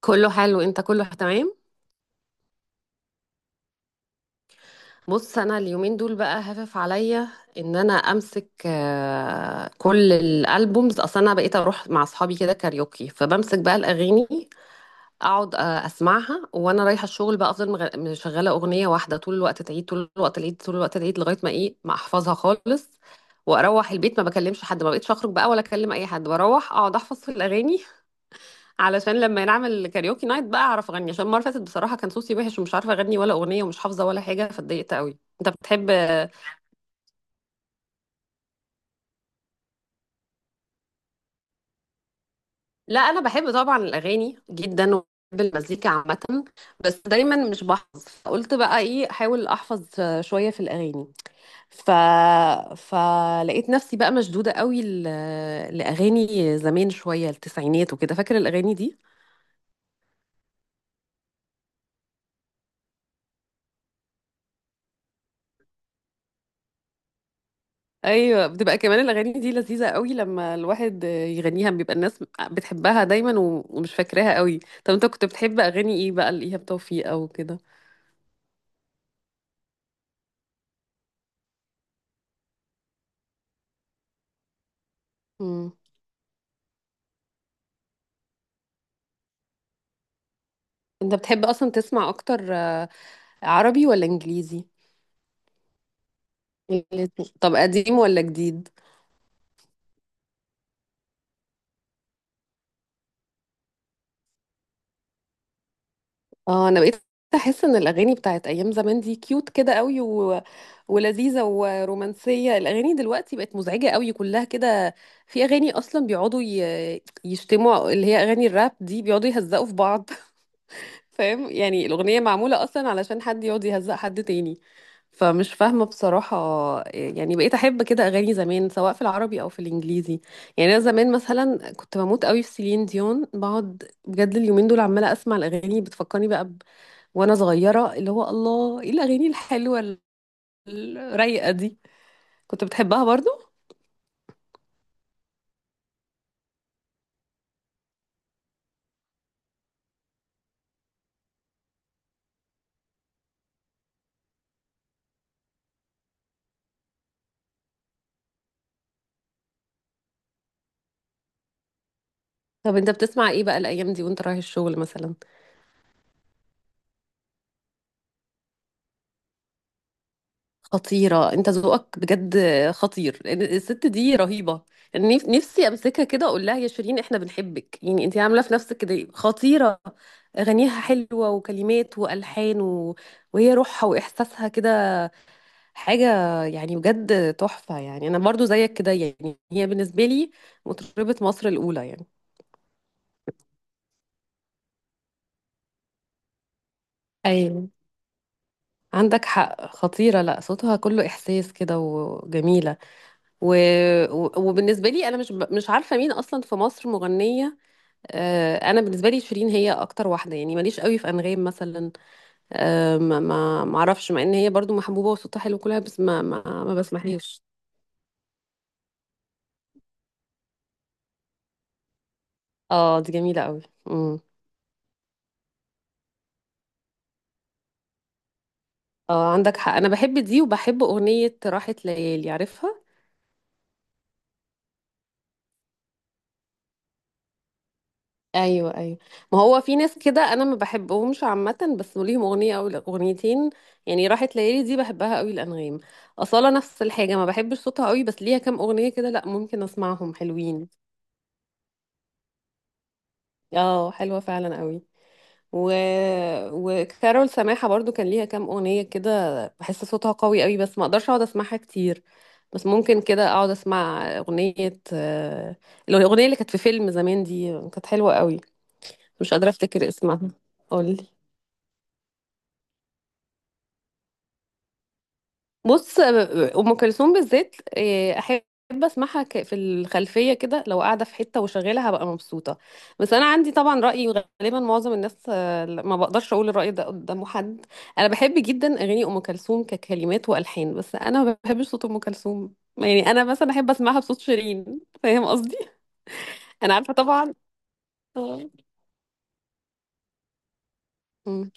كله حلو انت، كله تمام. بص انا اليومين دول بقى هفف عليا ان انا امسك، كل الالبومز. اصلا انا بقيت اروح مع اصحابي كده كاريوكي، فبمسك بقى الاغاني اقعد اسمعها وانا رايحه الشغل. بقى افضل مشغله اغنيه واحده طول الوقت، تعيد طول الوقت العيد طول الوقت العيد، لغايه ما ايه ما احفظها خالص. واروح البيت ما بكلمش حد، ما بقيتش اخرج بقى ولا اكلم اي حد، بروح اقعد احفظ في الاغاني، علشان لما نعمل كاريوكي نايت بقى اعرف اغني. عشان المره اللي فاتت بصراحه كان صوتي وحش، ومش عارفه اغني ولا اغنيه، ومش حافظه ولا حاجه، فاتضايقت قوي. انت بتحب؟ لا انا بحب طبعا الاغاني جدا، وبحب المزيكا عامه، بس دايما مش بحفظ، فقلت بقى ايه احاول احفظ شويه في الاغاني. ف فلقيت نفسي بقى مشدوده قوي لاغاني زمان شويه، التسعينات وكده. فاكر الاغاني دي؟ ايوه، بتبقى كمان الاغاني دي لذيذه قوي، لما الواحد يغنيها بيبقى الناس بتحبها دايما ومش فاكراها قوي. طب انت كنت بتحب اغاني ايه بقى، لايهاب توفيق او كده؟ امم انت بتحب اصلا تسمع اكتر، عربي ولا انجليزي؟ الاتنين. طب قديم ولا جديد؟ اه انا بقيت احس ان الاغاني بتاعت ايام زمان دي كيوت كده قوي ولذيذه ورومانسيه. الاغاني دلوقتي بقت مزعجه قوي كلها كده. في اغاني اصلا بيقعدوا يشتموا، اللي هي اغاني الراب دي بيقعدوا يهزقوا في بعض فاهم يعني الاغنيه معموله اصلا علشان حد يقعد يهزق حد تاني، فمش فاهمه بصراحه. يعني بقيت احب كده اغاني زمان، سواء في العربي او في الانجليزي. يعني انا زمان مثلا كنت بموت قوي في سيلين ديون، بقعد بجد اليومين دول عماله اسمع الاغاني بتفكرني بقى وانا صغيره. اللي هو الله، ايه الاغاني الحلوه الرايقه دي! كنت بتحبها برضو؟ طب انت بتسمع ايه بقى الايام دي وانت رايح الشغل مثلا؟ خطيره، انت ذوقك بجد خطير، لأن الست دي رهيبه. يعني نفسي امسكها كده اقول لها يا شيرين احنا بنحبك، يعني انت عامله في نفسك كده إيه؟ خطيره. اغانيها حلوه، وكلمات، والحان، وهي روحها واحساسها كده حاجه، يعني بجد تحفه. يعني انا برضو زيك كده، يعني هي بالنسبه لي مطربه مصر الاولى يعني. ايوه عندك حق، خطيرة. لا صوتها كله إحساس كده وجميلة، و... وبالنسبة لي أنا مش عارفة مين أصلا في مصر مغنية. أنا بالنسبة لي شيرين هي أكتر واحدة، يعني ماليش قوي في أنغام مثلا، ما أعرفش، مع إن هي برضو محبوبة وصوتها حلو كلها، بس ما بسمعهاش. اه دي جميلة قوي. اه عندك حق أنا بحب دي، وبحب أغنية راحت ليالي، عارفها؟ ايوه ايوه. ما هو في ناس كده انا ما بحبهمش عامه، بس ليهم اغنيه او اغنيتين. يعني راحت ليالي دي بحبها قوي الانغام. اصاله نفس الحاجه، ما بحبش صوتها قوي، بس ليها كام اغنيه كده، لا ممكن اسمعهم حلوين. اه حلوه فعلا قوي. و... وكارول سماحه برضو كان ليها كام اغنيه كده، بحس صوتها قوي قوي بس ما اقدرش اقعد اسمعها كتير. بس ممكن كده اقعد اسمع اغنيه، الاغنيه اللي كانت في فيلم زمان دي كانت حلوه قوي. مش قادره افتكر اسمها. قولي. بص ام كلثوم بالذات إيه، احب اسمعها في الخلفيه كده، لو قاعده في حته وشغاله هبقى مبسوطه. بس انا عندي طبعا راي غالبا معظم الناس، ما بقدرش اقول الراي ده قدام حد. انا بحب جدا اغاني ام كلثوم ككلمات والحان، بس انا ما بحبش صوت ام كلثوم. يعني انا مثلا احب اسمعها بصوت شيرين، فاهم قصدي؟ انا عارفه طبعا. آه. مم.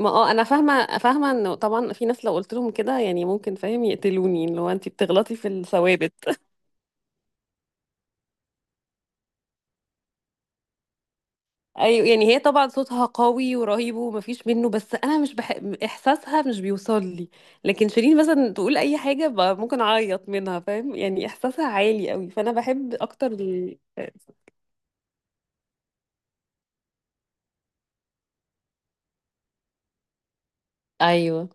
ما اه انا فاهمه فاهمه انه طبعا في ناس لو قلت لهم كده يعني ممكن فاهم يقتلوني، اللي هو انت بتغلطي في الثوابت. ايوه، يعني هي طبعا صوتها قوي ورهيب ومفيش منه، بس انا مش بح... احساسها مش بيوصل لي. لكن شيرين مثلا تقول اي حاجه ممكن اعيط منها، فاهم يعني احساسها عالي قوي، فانا بحب اكتر ايوه.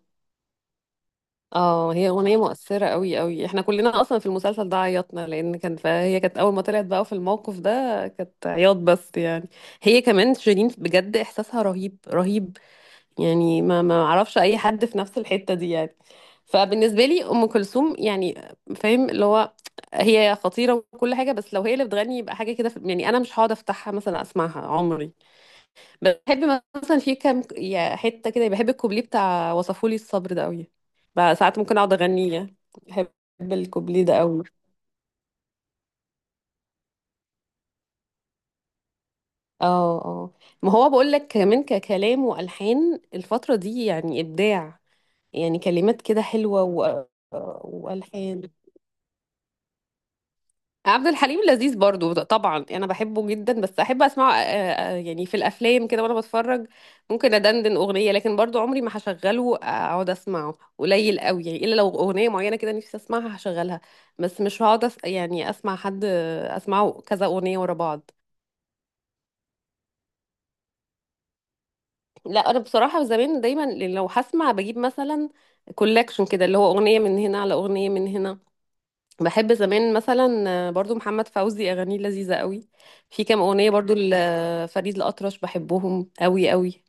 اه هي اغنيه مؤثره قوي قوي، احنا كلنا اصلا في المسلسل ده عيطنا، لان كان فهي كانت اول ما طلعت بقى في الموقف ده كانت عياط بس يعني. هي كمان شيرين بجد احساسها رهيب رهيب، يعني ما اعرفش اي حد في نفس الحتة دي يعني. فبالنسبة لي ام كلثوم يعني، فاهم اللي هو هي خطيرة وكل حاجة، بس لو هي اللي بتغني يبقى حاجة كده يعني انا مش هقعد افتحها مثلا اسمعها عمري. بحب مثلا في كام يا حتة كده، بحب الكوبليه بتاع وصفولي الصبر ده قوي، بقى ساعات ممكن اقعد اغنيه. بحب الكوبليه ده قوي. اه اه. ما هو بقول لك كمان ككلام والحان الفترة دي يعني ابداع، يعني كلمات كده حلوة و... آه، والحان. عبد الحليم لذيذ برضو طبعا، انا بحبه جدا، بس احب اسمعه، يعني في الافلام كده وانا بتفرج. ممكن ادندن اغنيه، لكن برضو عمري ما هشغله اقعد اسمعه، قليل قوي يعني، الا لو اغنيه معينه كده نفسي اسمعها هشغلها. بس مش هقعد يعني اسمع حد، اسمعه كذا اغنيه ورا بعض. لا انا بصراحه زمان دايما لو هسمع بجيب مثلا كولكشن كده، اللي هو اغنيه من هنا على اغنيه من هنا. بحب زمان مثلا، برضو محمد فوزي اغانيه لذيذه قوي. في كام اغنيه برضو لفريد الاطرش بحبهم قوي قوي.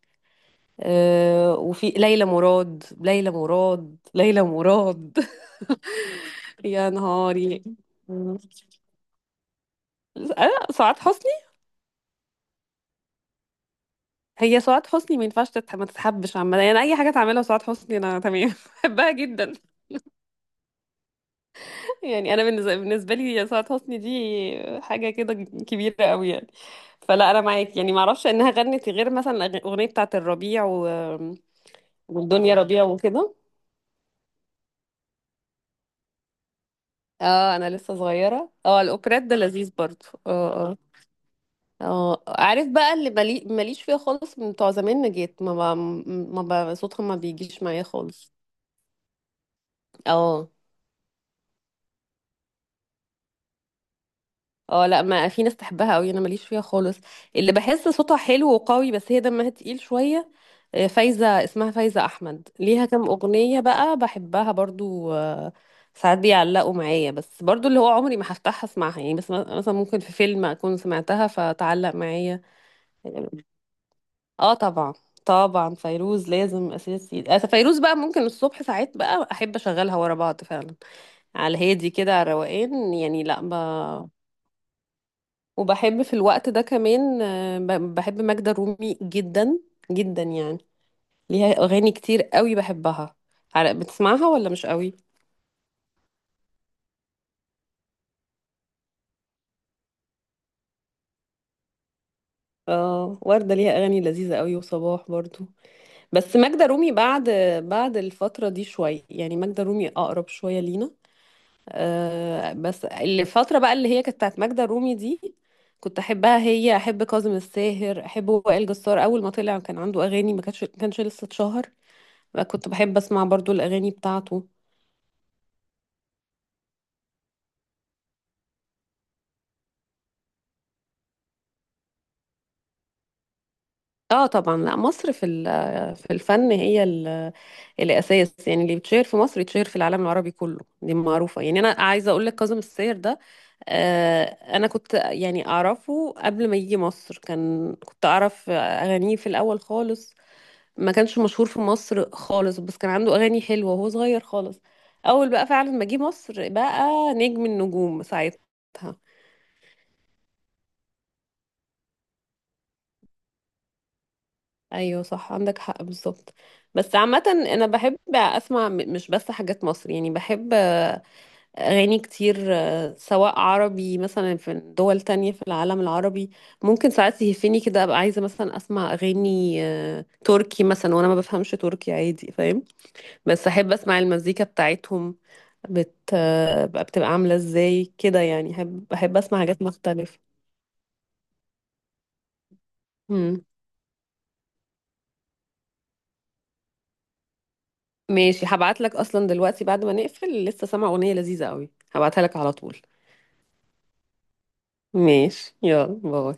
أه وفي ليلى مراد، ليلى مراد ليلى مراد يا نهاري. مم. أه سعاد حسني. هي سعاد حسني ما ينفعش ما تتحبش عامه، يعني اي حاجه تعملها سعاد حسني انا تمام بحبها جدا. يعني انا بالنسبه لي سعاد حسني دي حاجه كده كبيره قوي يعني. فلا انا معاك، يعني ما اعرفش انها غنت غير مثلا الاغنيه بتاعه الربيع والدنيا ربيع وكده. اه انا لسه صغيره، اه الاوبريت ده لذيذ برضه. اه اه. اه عارف بقى اللي ماليش فيها خالص من بتوع زمان، نجيت ما ب... ما ب... صوتها ما بيجيش معايا خالص. اه. اه لا، ما في ناس تحبها قوي، انا ماليش فيها خالص. اللي بحس صوتها حلو وقوي بس هي دمها تقيل شويه، فايزة، اسمها فايزة أحمد، ليها كام أغنية بقى بحبها برضو. ساعات بيعلقوا معايا، بس برضو اللي هو عمري ما هفتحها اسمعها يعني، بس مثلا ممكن في فيلم أكون سمعتها فتعلق معايا. اه طبعا. طبعا فيروز لازم أساسي. فيروز بقى ممكن الصبح ساعات بقى أحب أشغلها ورا بعض فعلا، على الهادي كده، على الروقان يعني. وبحب في الوقت ده كمان، بحب ماجدة الرومي جدا جدا يعني، ليها اغاني كتير قوي بحبها. بتسمعها ولا مش قوي؟ اه وردة ليها اغاني لذيذة قوي، وصباح برضو. بس ماجدة رومي بعد، بعد الفترة دي شوية، يعني ماجدة رومي اقرب شوية لينا. آه بس الفترة بقى اللي هي كانت بتاعت ماجدة رومي دي كنت احبها، هي احب كاظم الساهر، احب وائل جسار اول ما طلع كان عنده اغاني، ما كانش لسه اتشهر، كنت بحب اسمع برضو الاغاني بتاعته. اه طبعا، لا مصر في الفن هي الاساس يعني، اللي بيتشهر في مصر يتشهر في العالم العربي كله، دي معروفه. يعني انا عايزه اقول لك كاظم الساير ده، آه انا كنت يعني اعرفه قبل ما يجي مصر، كان كنت اعرف اغانيه في الاول خالص، ما كانش مشهور في مصر خالص، بس كان عنده اغاني حلوه وهو صغير خالص. اول بقى فعلا ما جه مصر بقى نجم النجوم ساعتها. ايوه صح عندك حق بالظبط. بس عامه انا بحب اسمع مش بس حاجات مصر، يعني بحب أغاني كتير، سواء عربي مثلا في دول تانية في العالم العربي. ممكن ساعات يهفني كده أبقى عايزة مثلا أسمع أغاني، تركي مثلا وأنا ما بفهمش تركي عادي فاهم، بس أحب أسمع المزيكا بتاعتهم. بت... آه، بقى بتبقى عاملة إزاي كده يعني، أحب أسمع حاجات مختلفة. مم. ماشي هبعت لك، أصلا دلوقتي بعد ما نقفل لسه سامعة أغنية لذيذة قوي، هبعتها لك على طول. ماشي يلا باي.